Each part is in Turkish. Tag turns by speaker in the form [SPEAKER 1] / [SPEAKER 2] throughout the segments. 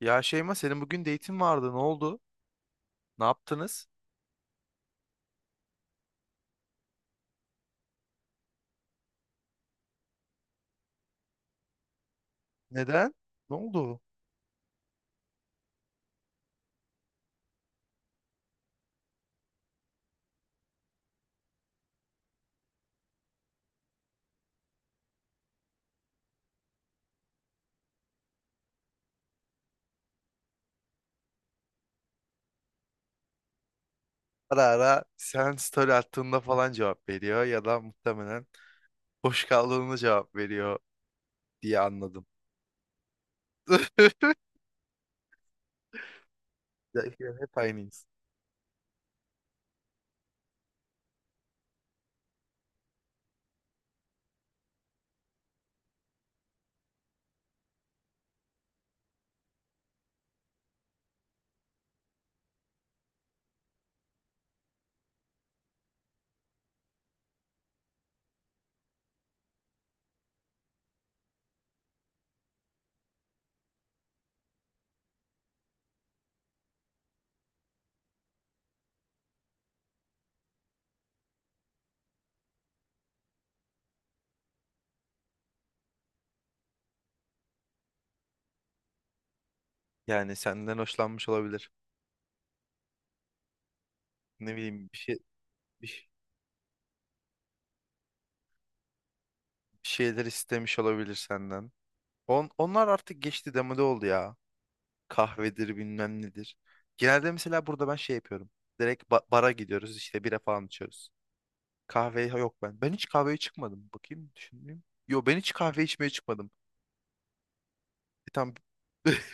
[SPEAKER 1] Ya Şeyma senin bugün date'in vardı. Ne oldu? Ne yaptınız? Neden? Ne oldu? Ara ara sen story attığında falan cevap veriyor ya da muhtemelen boş kaldığında cevap veriyor diye anladım. Ya, hep aynıyız. Yani senden hoşlanmış olabilir. Ne bileyim bir, ş- bir şeyler istemiş olabilir senden. Onlar artık geçti, demode oldu ya. Kahvedir bilmem nedir. Genelde mesela burada ben şey yapıyorum. Direkt bara gidiyoruz, işte bira falan içiyoruz. Kahve yok ben. Ben hiç kahveye çıkmadım. Bakayım düşüneyim. Yo, ben hiç kahve içmeye çıkmadım. E tam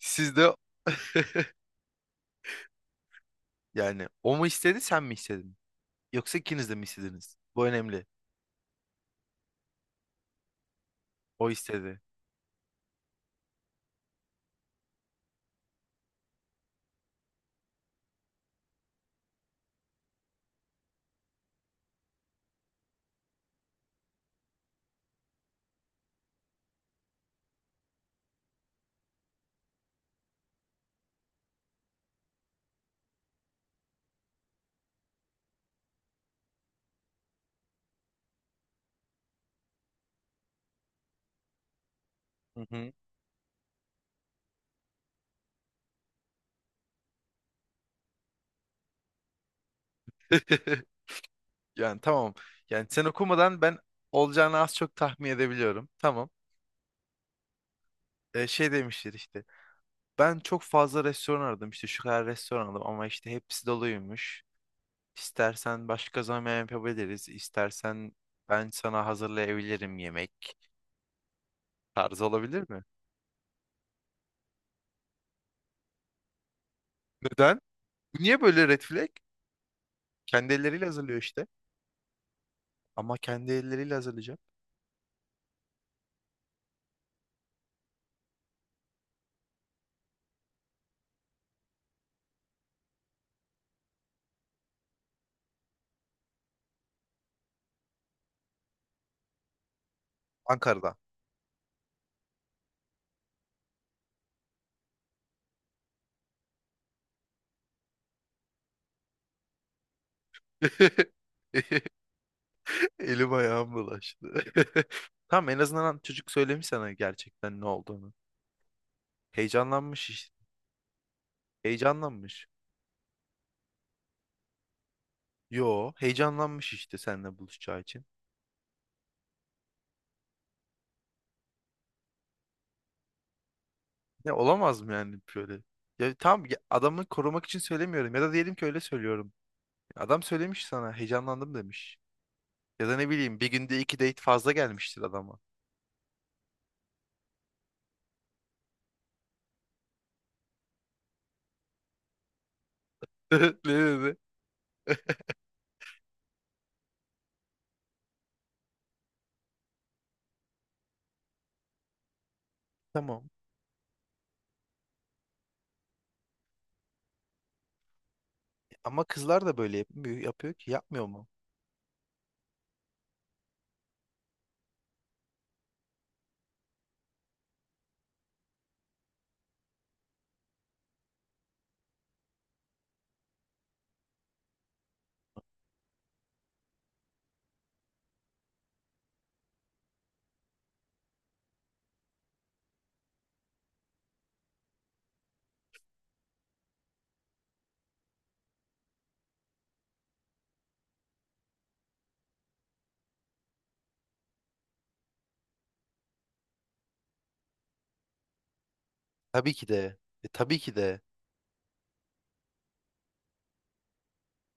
[SPEAKER 1] Siz de, yani o mu istedi, sen mi istedin? Yoksa ikiniz de mi istediniz? Bu önemli. O istedi. Hı hı. Yani tamam. Yani sen okumadan ben olacağını az çok tahmin edebiliyorum. Tamam. Şey demiştir işte. Ben çok fazla restoran aradım, işte şu kadar restoran aradım ama işte hepsi doluymuş. İstersen başka zaman yapabiliriz. İstersen ben sana hazırlayabilirim yemek. Tarzı olabilir mi? Neden? Bu niye böyle red flag? Kendi elleriyle hazırlıyor işte. Ama kendi elleriyle hazırlayacak. Ankara'da. Elim ayağım bulaştı. Tamam, en azından çocuk söylemiş sana gerçekten ne olduğunu. Heyecanlanmış işte. Heyecanlanmış. Yo, heyecanlanmış işte seninle buluşacağı için. Ya olamaz mı yani böyle? Ya tamam, ya adamı korumak için söylemiyorum ya da diyelim ki öyle söylüyorum. Adam söylemiş sana, heyecanlandım demiş. Ya da ne bileyim, bir günde iki date fazla gelmiştir adama. Ne dedi? Tamam. Ama kızlar da böyle yapmıyor, yapıyor ki yapmıyor mu? Tabii ki de. Tabii ki de.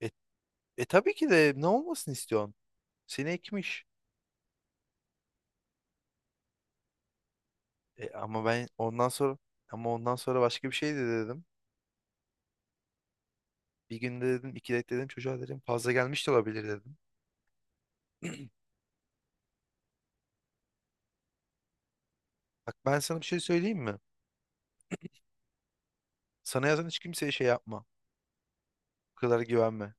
[SPEAKER 1] E, tabii ki de, ne olmasını istiyorsun? Seni ekmiş. E, ama ben ondan sonra Ama ondan sonra başka bir şey de dedim. Bir günde dedim, iki date dedim çocuğa, dedim fazla gelmiş de olabilir dedim. Bak, ben sana bir şey söyleyeyim mi? Sana yazan hiç kimseye şey yapma. Bu kadar güvenme.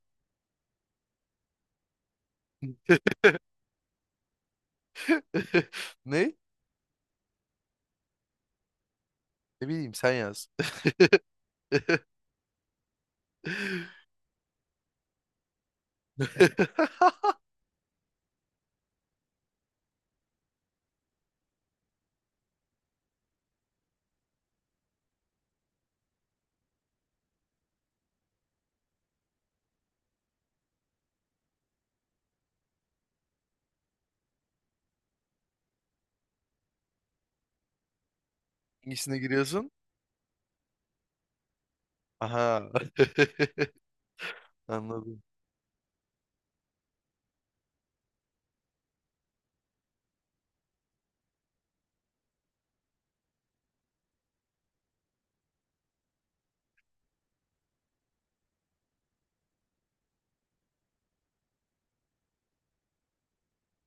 [SPEAKER 1] Ne? Ne bileyim, sen yaz. Hangisine giriyorsun? Aha. Anladım.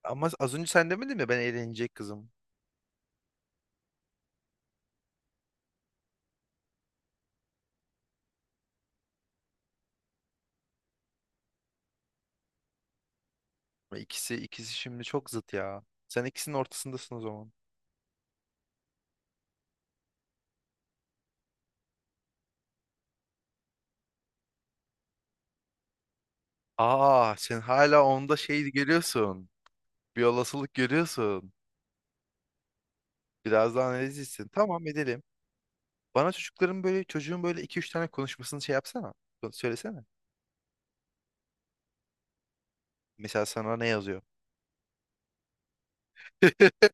[SPEAKER 1] Ama az önce sen demedin mi ben eğlenecek kızım. İkisi şimdi çok zıt ya. Sen ikisinin ortasındasın o zaman. Aa, sen hala onda şey görüyorsun. Bir olasılık görüyorsun. Biraz daha analizlisin. Tamam, edelim. Bana çocukların böyle çocuğun böyle iki üç tane konuşmasını şey yapsana. Söylesene. Mesela sana ne yazıyor?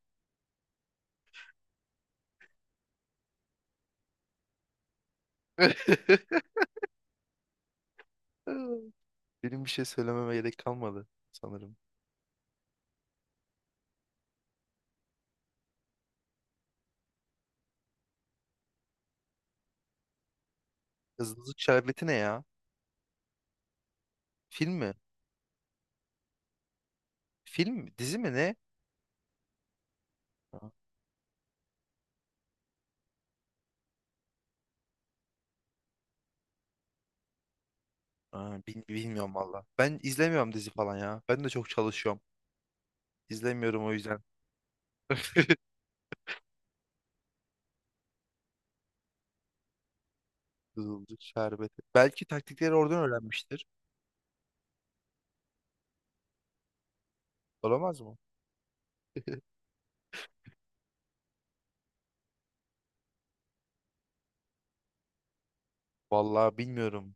[SPEAKER 1] Benim bir şey söylememe gerek kalmadı sanırım. Hızlı Hızlı Şerbeti ne ya? Film mi? Film mi, dizi mi, ne? Aa, bilmiyorum valla. Ben izlemiyorum dizi falan ya. Ben de çok çalışıyorum. İzlemiyorum o yüzden. Kızılcık şerbeti. Belki taktikleri oradan öğrenmiştir. Olamaz mı? Vallahi bilmiyorum.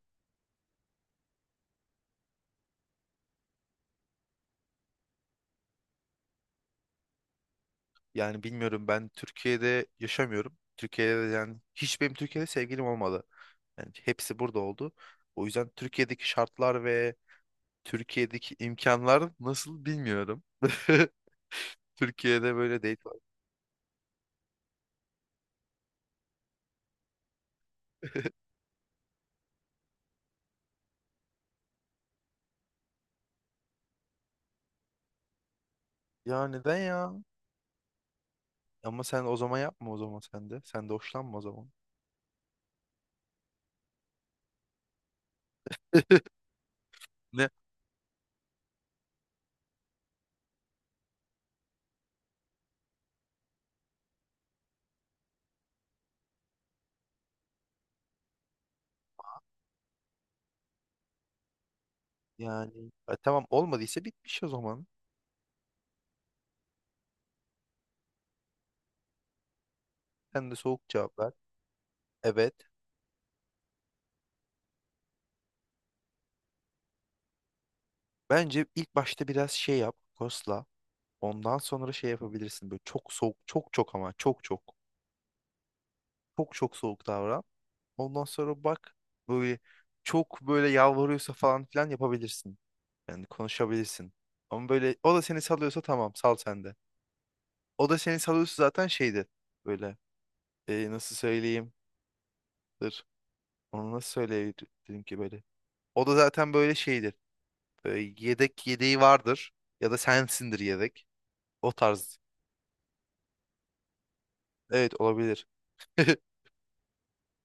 [SPEAKER 1] Yani bilmiyorum, ben Türkiye'de yaşamıyorum. Türkiye'de de yani hiç benim Türkiye'de sevgilim olmadı. Yani hepsi burada oldu. O yüzden Türkiye'deki şartlar ve Türkiye'deki imkanlar nasıl bilmiyorum. Türkiye'de böyle değil. Ya neden ya? Ama sen o zaman yapma o zaman, sen de. Sen de hoşlanma o zaman. Ne? Yani tamam, olmadıysa bitmiş o zaman. Sen de soğuk cevap ver. Evet. Bence ilk başta biraz şey yap. Kosla. Ondan sonra şey yapabilirsin. Böyle çok soğuk. Çok çok ama çok çok. Çok çok soğuk davran. Ondan sonra bak, böyle çok böyle yalvarıyorsa falan filan yapabilirsin. Yani konuşabilirsin. Ama böyle o da seni salıyorsa tamam, sal sen de. O da seni salıyorsa zaten şeydir. Böyle nasıl söyleyeyim? Onu nasıl söyleyebilirim ki böyle? O da zaten böyle şeydir. Böyle yedek yedeği vardır. Ya da sensindir yedek. O tarz. Evet, olabilir.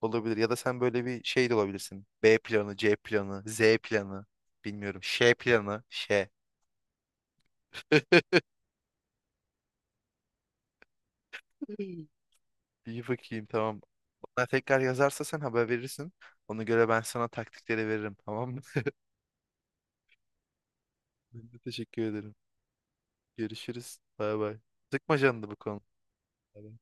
[SPEAKER 1] Olabilir. Ya da sen böyle bir şey de olabilirsin. B planı, C planı, Z planı. Bilmiyorum. Ş planı. Ş. İyi, bakayım tamam. Bana tekrar yazarsa sen haber verirsin. Ona göre ben sana taktikleri veririm, tamam mı? Ben de teşekkür ederim. Görüşürüz. Bay bay. Sıkma canını bu konu. Bay bay.